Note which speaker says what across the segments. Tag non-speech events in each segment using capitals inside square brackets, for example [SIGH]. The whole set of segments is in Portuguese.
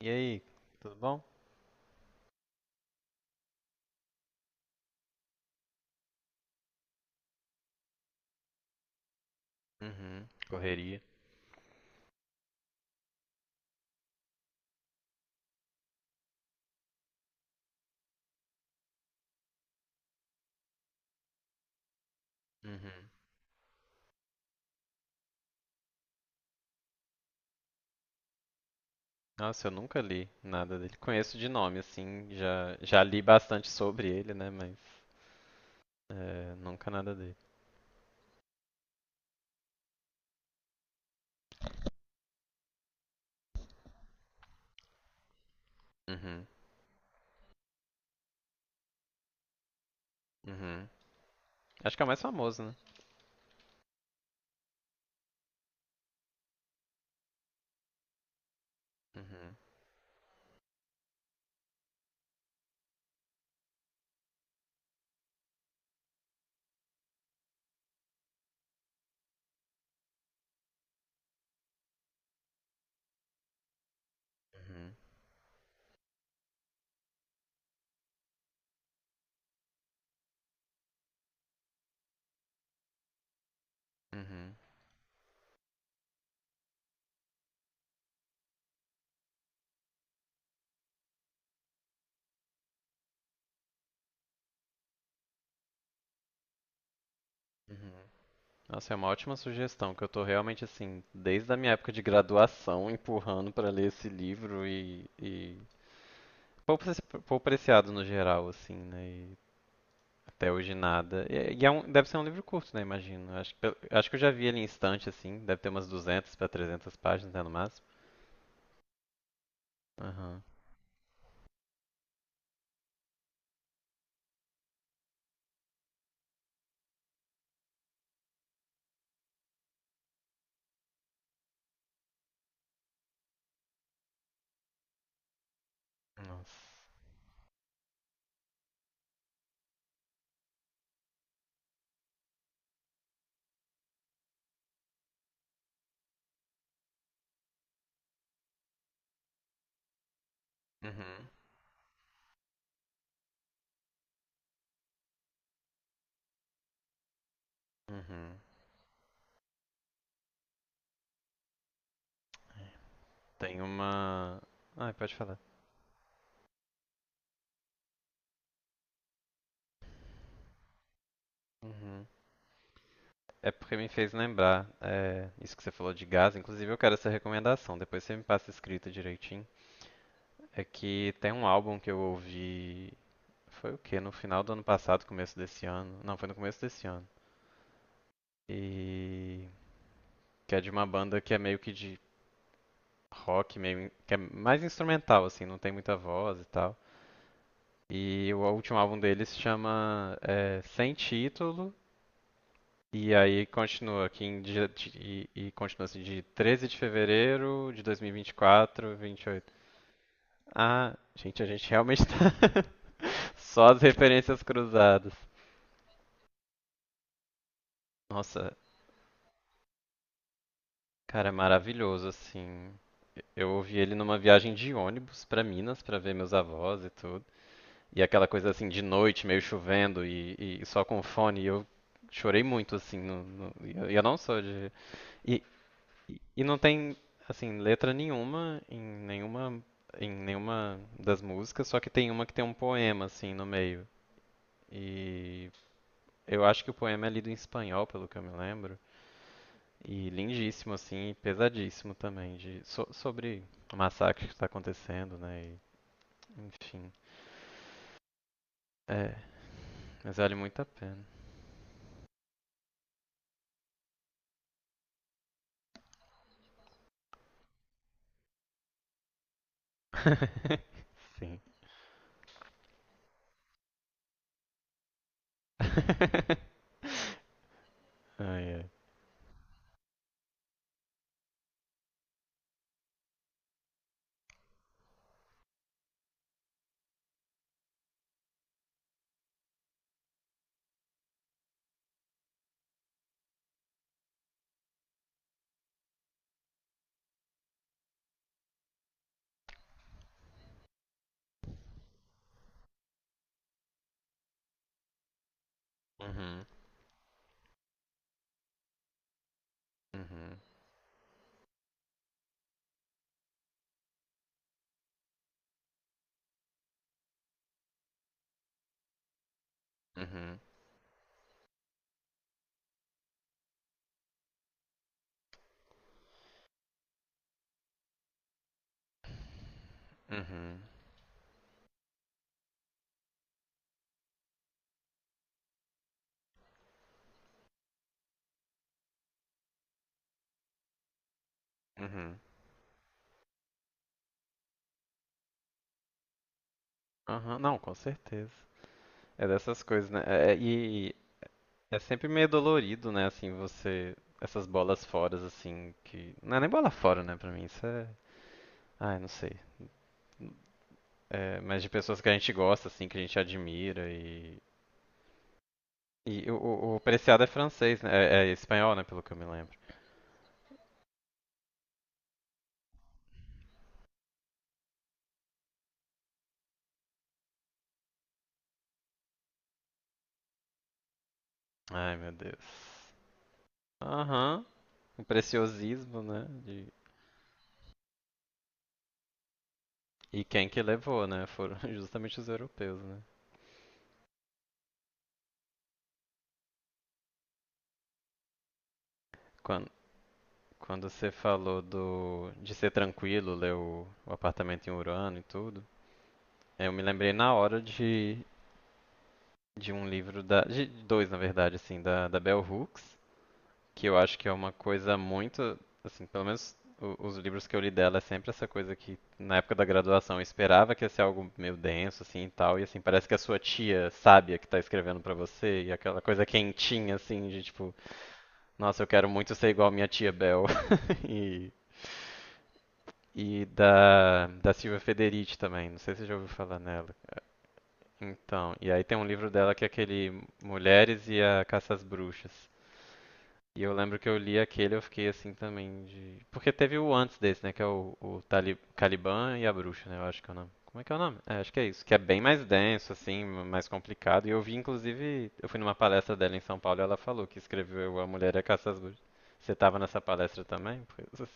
Speaker 1: E aí, tudo bom? Uhum. Correria. Uhum. Nossa, eu nunca li nada dele. Conheço de nome, assim, já li bastante sobre ele, né? Mas é, nunca nada dele. Uhum. Uhum. Acho que é o mais famoso, né? Uhum. Uhum. Uhum. Uhum. Nossa, é uma ótima sugestão, que eu tô realmente, assim, desde a minha época de graduação, empurrando pra ler esse livro. E pouco apreciado no geral, assim, né? E até hoje nada. E é um, deve ser um livro curto, né? Imagino. Acho que, acho que eu já vi ele em estante, assim. Deve ter umas 200 para trezentas páginas, né, no máximo. Aham. Nossa. Uhum. Uhum. Tem uma. Ah, pode falar. Uhum. É porque me fez lembrar, é, isso que você falou de gás. Inclusive, eu quero essa recomendação. Depois você me passa escrita direitinho. É que tem um álbum que eu ouvi. Foi o quê? No final do ano passado, começo desse ano. Não, foi no começo desse ano. E. Que é de uma banda que é meio que de rock, meio que é mais instrumental assim, não tem muita voz e tal. E o último álbum deles se chama é, Sem Título, e aí continua aqui em dia, e continua assim de 13 de fevereiro de 2024, 28. Ah, gente, a gente realmente tá [LAUGHS] só as referências cruzadas. Nossa, cara, é maravilhoso assim. Eu ouvi ele numa viagem de ônibus pra Minas pra ver meus avós e tudo. E aquela coisa assim de noite, meio chovendo e só com fone. E eu chorei muito, assim. E eu não sou de. E, e não tem, assim, letra nenhuma em em nenhuma das músicas, só que tem uma que tem um poema, assim, no meio. E eu acho que o poema é lido em espanhol, pelo que eu me lembro. E lindíssimo, assim, e pesadíssimo também, de, sobre o massacre que está acontecendo, né? E, enfim. É, mas vale muito a pena. [LAUGHS] Sim. [LAUGHS] Uhum. Uhum. Uhum. Uhum. Uhum. Aham, não, com certeza. É dessas coisas, né? E é sempre meio dolorido, né? Assim, você. Essas bolas fora, assim, que. Não é nem bola fora, né? Pra mim, isso é. Ai, não sei. É, mas de pessoas que a gente gosta, assim, que a gente admira e. E o Preciado é francês, né? É, é espanhol, né? Pelo que eu me lembro. Ai, meu Deus. Aham. O preciosismo, né? De... E quem que levou, né? Foram [LAUGHS] justamente os europeus, né? Quando, quando você falou do, de ser tranquilo, ler o apartamento em Urano e tudo, eu me lembrei na hora de um livro de dois, na verdade, assim, da Bell Hooks, que eu acho que é uma coisa muito, assim, pelo menos os livros que eu li dela é sempre essa coisa que na época da graduação eu esperava que ia ser algo meio denso assim e tal, e assim parece que a sua tia sábia que tá escrevendo pra você e aquela coisa quentinha assim de tipo Nossa, eu quero muito ser igual minha tia Bel. [LAUGHS] E, e da Silvia Federici também, não sei se você já ouviu falar nela. Então, e aí tem um livro dela que é aquele Mulheres e a Caça às Bruxas. E eu lembro que eu li aquele, e eu fiquei assim também de. Porque teve o antes desse, né? Que é o Caliban e a Bruxa, né? Eu acho que é o nome. Como é que é o nome? É, acho que é isso. Que é bem mais denso, assim, mais complicado. E eu vi, inclusive, eu fui numa palestra dela em São Paulo e ela falou que escreveu A Mulher e a Caça às Bruxas. Você tava nessa palestra também? Pois-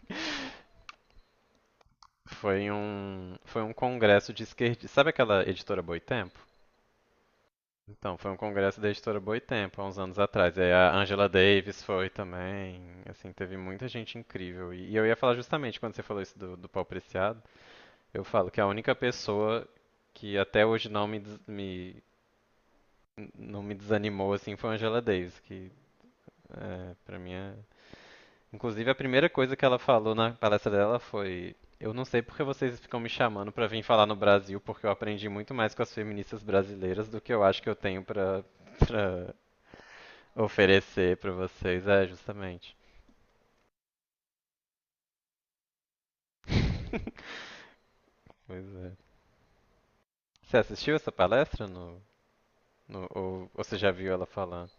Speaker 1: [LAUGHS] Foi um congresso de esquerdistas. Sabe aquela editora Boitempo? Então, foi um congresso da editora Boitempo, há uns anos atrás. E aí a Angela Davis foi também. Assim, teve muita gente incrível. E eu ia falar justamente quando você falou isso do, do pau preciado, eu falo que a única pessoa que até hoje não me, não me desanimou assim foi a Angela Davis, que é, para mim é... Inclusive a primeira coisa que ela falou na palestra dela foi Eu não sei porque vocês ficam me chamando pra vir falar no Brasil, porque eu aprendi muito mais com as feministas brasileiras do que eu acho que eu tenho pra para oferecer pra vocês. É, justamente. [LAUGHS] Pois é. Você assistiu essa palestra ou você já viu ela falando?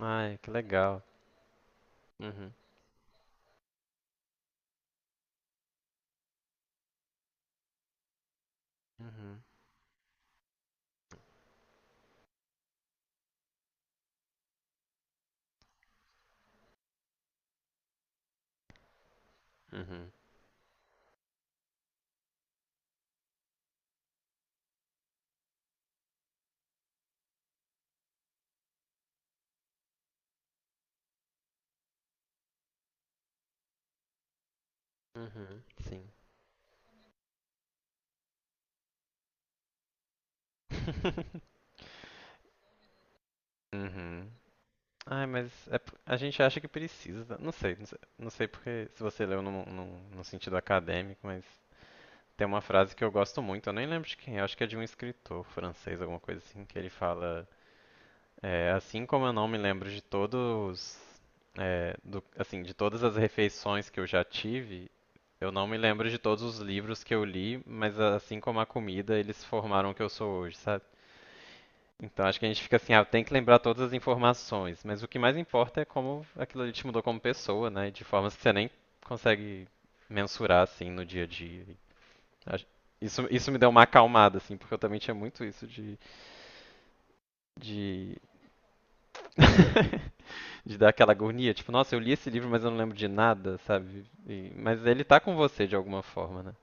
Speaker 1: Ai, que legal. Uhum. Uhum. Uhum. Uhum. Sim. [LAUGHS] Uhum. Ai, mas é a gente acha que precisa. Né? Não sei porque se você leu no sentido acadêmico, mas tem uma frase que eu gosto muito, eu nem lembro de quem, é, acho que é de um escritor francês, alguma coisa assim, que ele fala É, assim como eu não me lembro de todos, é, assim, de todas as refeições que eu já tive, eu não me lembro de todos os livros que eu li, mas assim como a comida, eles formaram o que eu sou hoje, sabe? Então acho que a gente fica assim, ah, tem que lembrar todas as informações, mas o que mais importa é como aquilo ali te mudou como pessoa, né? De formas que você nem consegue mensurar assim no dia a dia. E acho- Isso me deu uma acalmada, assim, porque eu também tinha muito isso de... [LAUGHS] de dar aquela agonia, tipo, nossa, eu li esse livro, mas eu não lembro de nada, sabe? E- mas ele tá com você de alguma forma, né?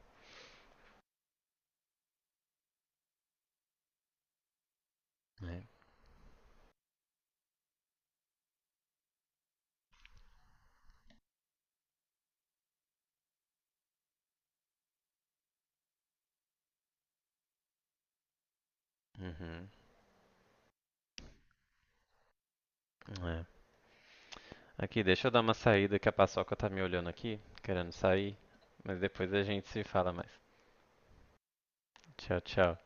Speaker 1: É. Uhum. É. Aqui, deixa eu dar uma saída que a Paçoca tá me olhando aqui, querendo sair, mas depois a gente se fala mais. Tchau, tchau.